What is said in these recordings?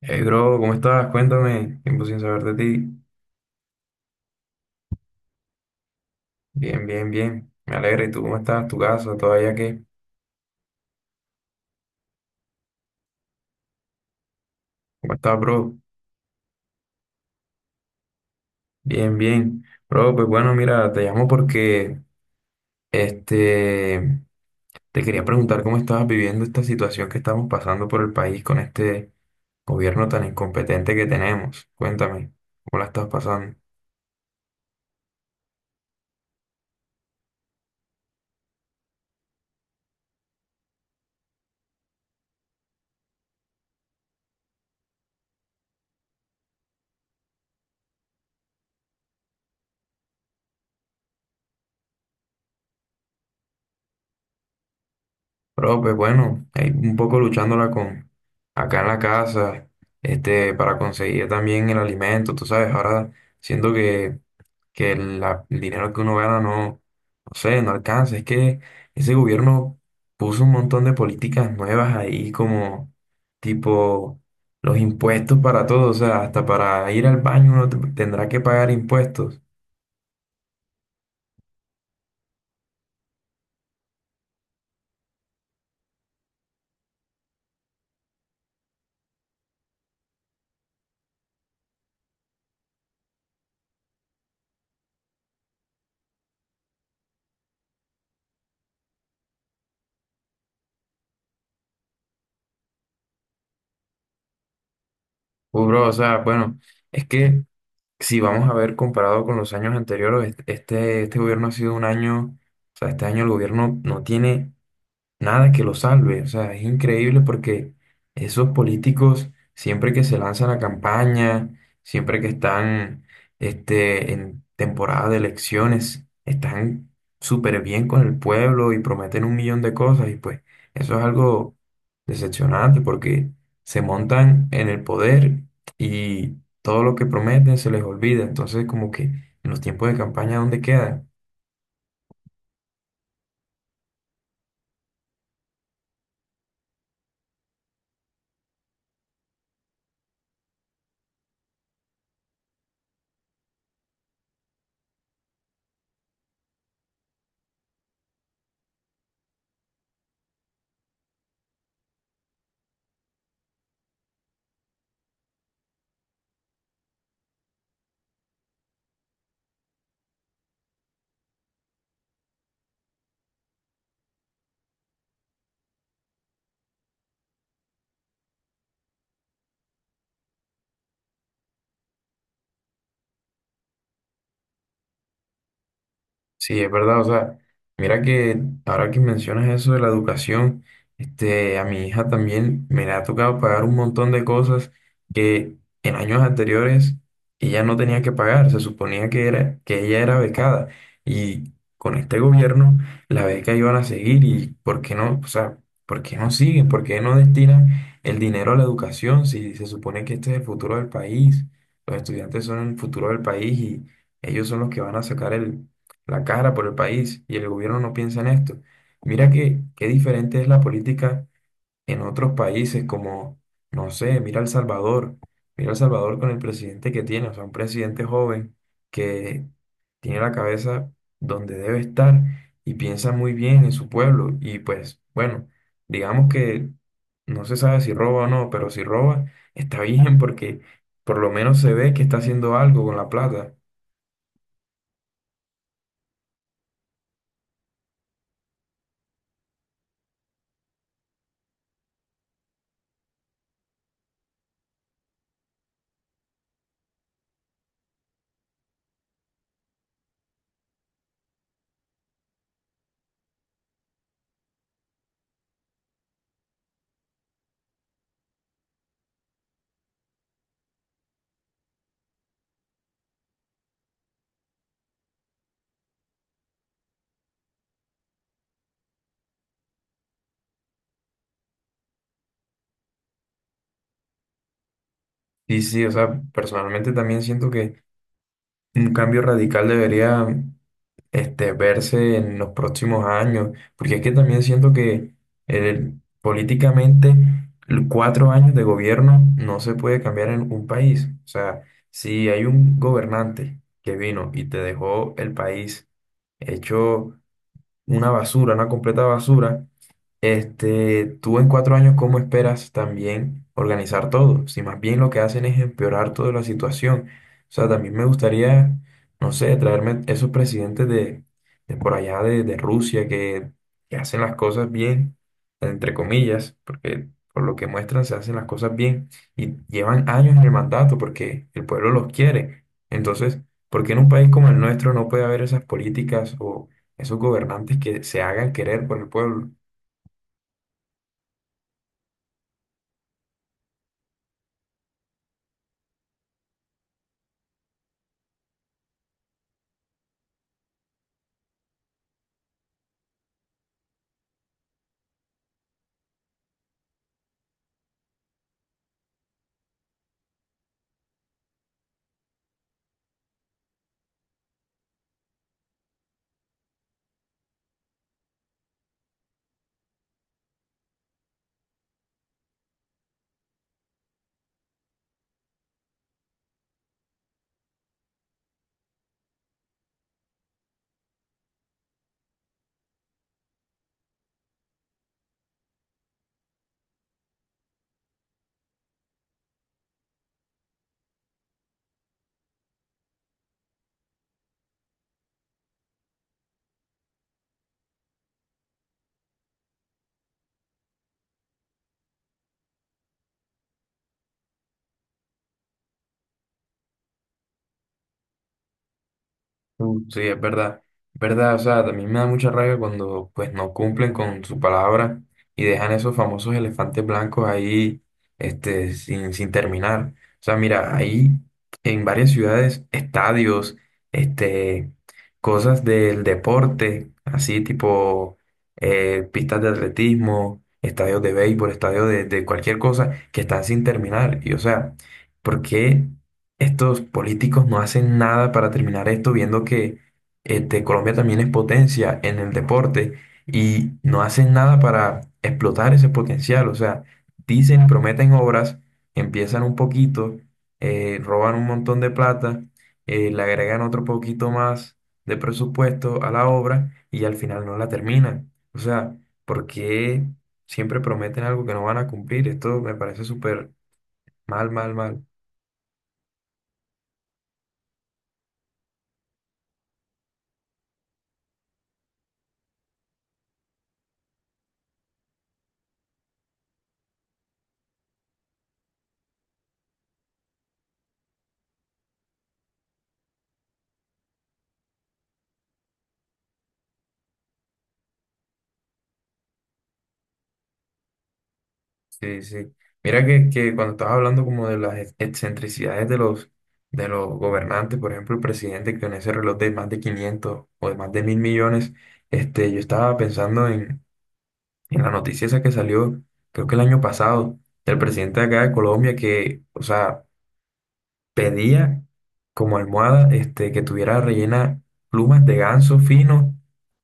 Hey, bro, ¿cómo estás? Cuéntame. Tiempo sin saber de ti. Bien, bien, bien. Me alegra. ¿Y tú cómo estás? ¿Tu casa? ¿Todavía qué? ¿Cómo estás, bro? Bien, bien. Bro, pues bueno, mira, te llamo porque este te quería preguntar cómo estabas viviendo esta situación que estamos pasando por el país con este gobierno tan incompetente que tenemos. Cuéntame, ¿cómo la estás pasando? Pero pues bueno, ahí un poco luchándola con acá en la casa, para conseguir también el alimento, tú sabes, ahora siento que, que el dinero que uno gana no, no sé, no alcanza. Es que ese gobierno puso un montón de políticas nuevas ahí como tipo los impuestos para todo, o sea, hasta para ir al baño uno tendrá que pagar impuestos. Bro, o sea, bueno, es que si vamos a ver comparado con los años anteriores, este gobierno ha sido un año, o sea, este año el gobierno no tiene nada que lo salve. O sea, es increíble porque esos políticos, siempre que se lanzan a campaña, siempre que están en temporada de elecciones, están súper bien con el pueblo y prometen un millón de cosas. Y pues eso es algo decepcionante porque se montan en el poder y todo lo que prometen se les olvida. Entonces, como que en los tiempos de campaña, ¿dónde quedan? Sí, es verdad, o sea, mira que ahora que mencionas eso de la educación, a mi hija también me le ha tocado pagar un montón de cosas que en años anteriores ella no tenía que pagar, se suponía que era, que ella era becada y con este gobierno la beca iban a seguir y ¿por qué no? O sea, ¿por qué no siguen? ¿Por qué no destinan el dinero a la educación si se supone que este es el futuro del país? Los estudiantes son el futuro del país y ellos son los que van a sacar el la cara por el país y el gobierno no piensa en esto. Mira que qué diferente es la política en otros países como, no sé, mira El Salvador con el presidente que tiene, o sea, un presidente joven que tiene la cabeza donde debe estar y piensa muy bien en su pueblo y pues bueno, digamos que no se sabe si roba o no, pero si roba está bien porque por lo menos se ve que está haciendo algo con la plata. Y sí, o sea, personalmente también siento que un cambio radical debería verse en los próximos años, porque es que también siento que eh, políticamente 4 años de gobierno no se puede cambiar en un país. O sea, si hay un gobernante que vino y te dejó el país hecho una basura, una completa basura, tú en 4 años, ¿cómo esperas también organizar todo? Si más bien lo que hacen es empeorar toda la situación. O sea, también me gustaría, no sé, traerme esos presidentes de por allá de Rusia que hacen las cosas bien, entre comillas, porque por lo que muestran se hacen las cosas bien y llevan años en el mandato porque el pueblo los quiere. Entonces, ¿por qué en un país como el nuestro no puede haber esas políticas o esos gobernantes que se hagan querer por el pueblo? Sí, es verdad, verdad, o sea, también me da mucha rabia cuando pues no cumplen con su palabra y dejan esos famosos elefantes blancos ahí, sin terminar. O sea, mira, ahí en varias ciudades, estadios, este, cosas del deporte, así tipo pistas de atletismo, estadios de béisbol, estadios de cualquier cosa que están sin terminar. Y o sea, ¿por qué estos políticos no hacen nada para terminar esto, viendo que Colombia también es potencia en el deporte y no hacen nada para explotar ese potencial? O sea, dicen y prometen obras, empiezan un poquito, roban un montón de plata, le agregan otro poquito más de presupuesto a la obra y al final no la terminan. O sea, ¿por qué siempre prometen algo que no van a cumplir? Esto me parece súper mal, mal, mal. Sí, sí. Mira que cuando estabas hablando como de las excentricidades de los gobernantes, por ejemplo, el presidente que con ese reloj de más de 500 o de más de mil millones, yo estaba pensando en la noticia esa que salió, creo que el año pasado, del presidente de acá de Colombia, que, o sea, pedía como almohada, que tuviera rellena plumas de ganso fino.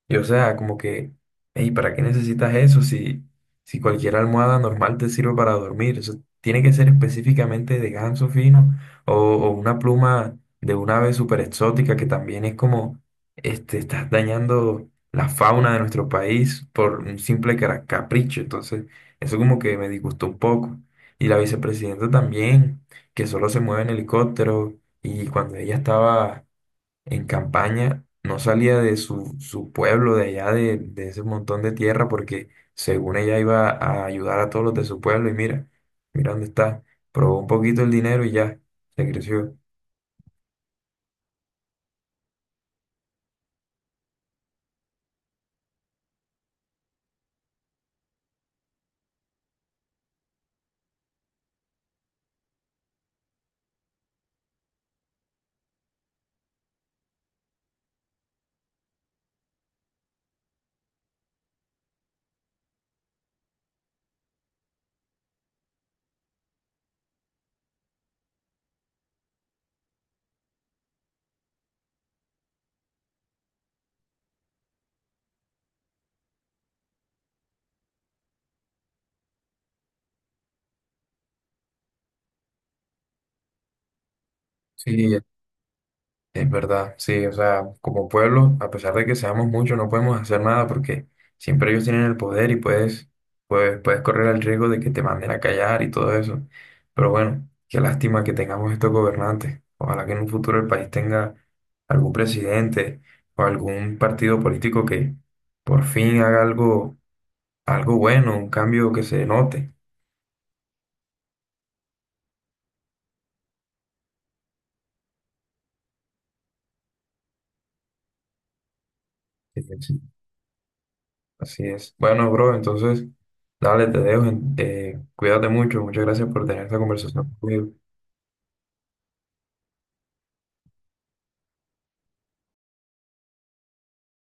Y o sea, como que, hey, ¿para qué necesitas eso si, cualquier almohada normal te sirve para dormir? Eso tiene que ser específicamente de ganso fino o una pluma de una ave súper exótica que también es como, estás dañando la fauna de nuestro país por un simple capricho. Entonces, eso como que me disgustó un poco. Y la vicepresidenta también, que solo se mueve en helicóptero y cuando ella estaba en campaña no salía de su pueblo, de allá, de ese montón de tierra, porque según ella iba a ayudar a todos los de su pueblo y mira, mira dónde está, probó un poquito el dinero y ya, se creció. Sí, es verdad, sí, o sea, como pueblo, a pesar de que seamos muchos, no podemos hacer nada porque siempre ellos tienen el poder y puedes correr el riesgo de que te manden a callar y todo eso. Pero bueno, qué lástima que tengamos estos gobernantes. Ojalá que en un futuro el país tenga algún presidente o algún partido político que por fin haga algo, algo bueno, un cambio que se note. Así es. Bueno, bro, entonces, dale, te dejo. Cuídate mucho. Muchas gracias por tener esta conversación conmigo.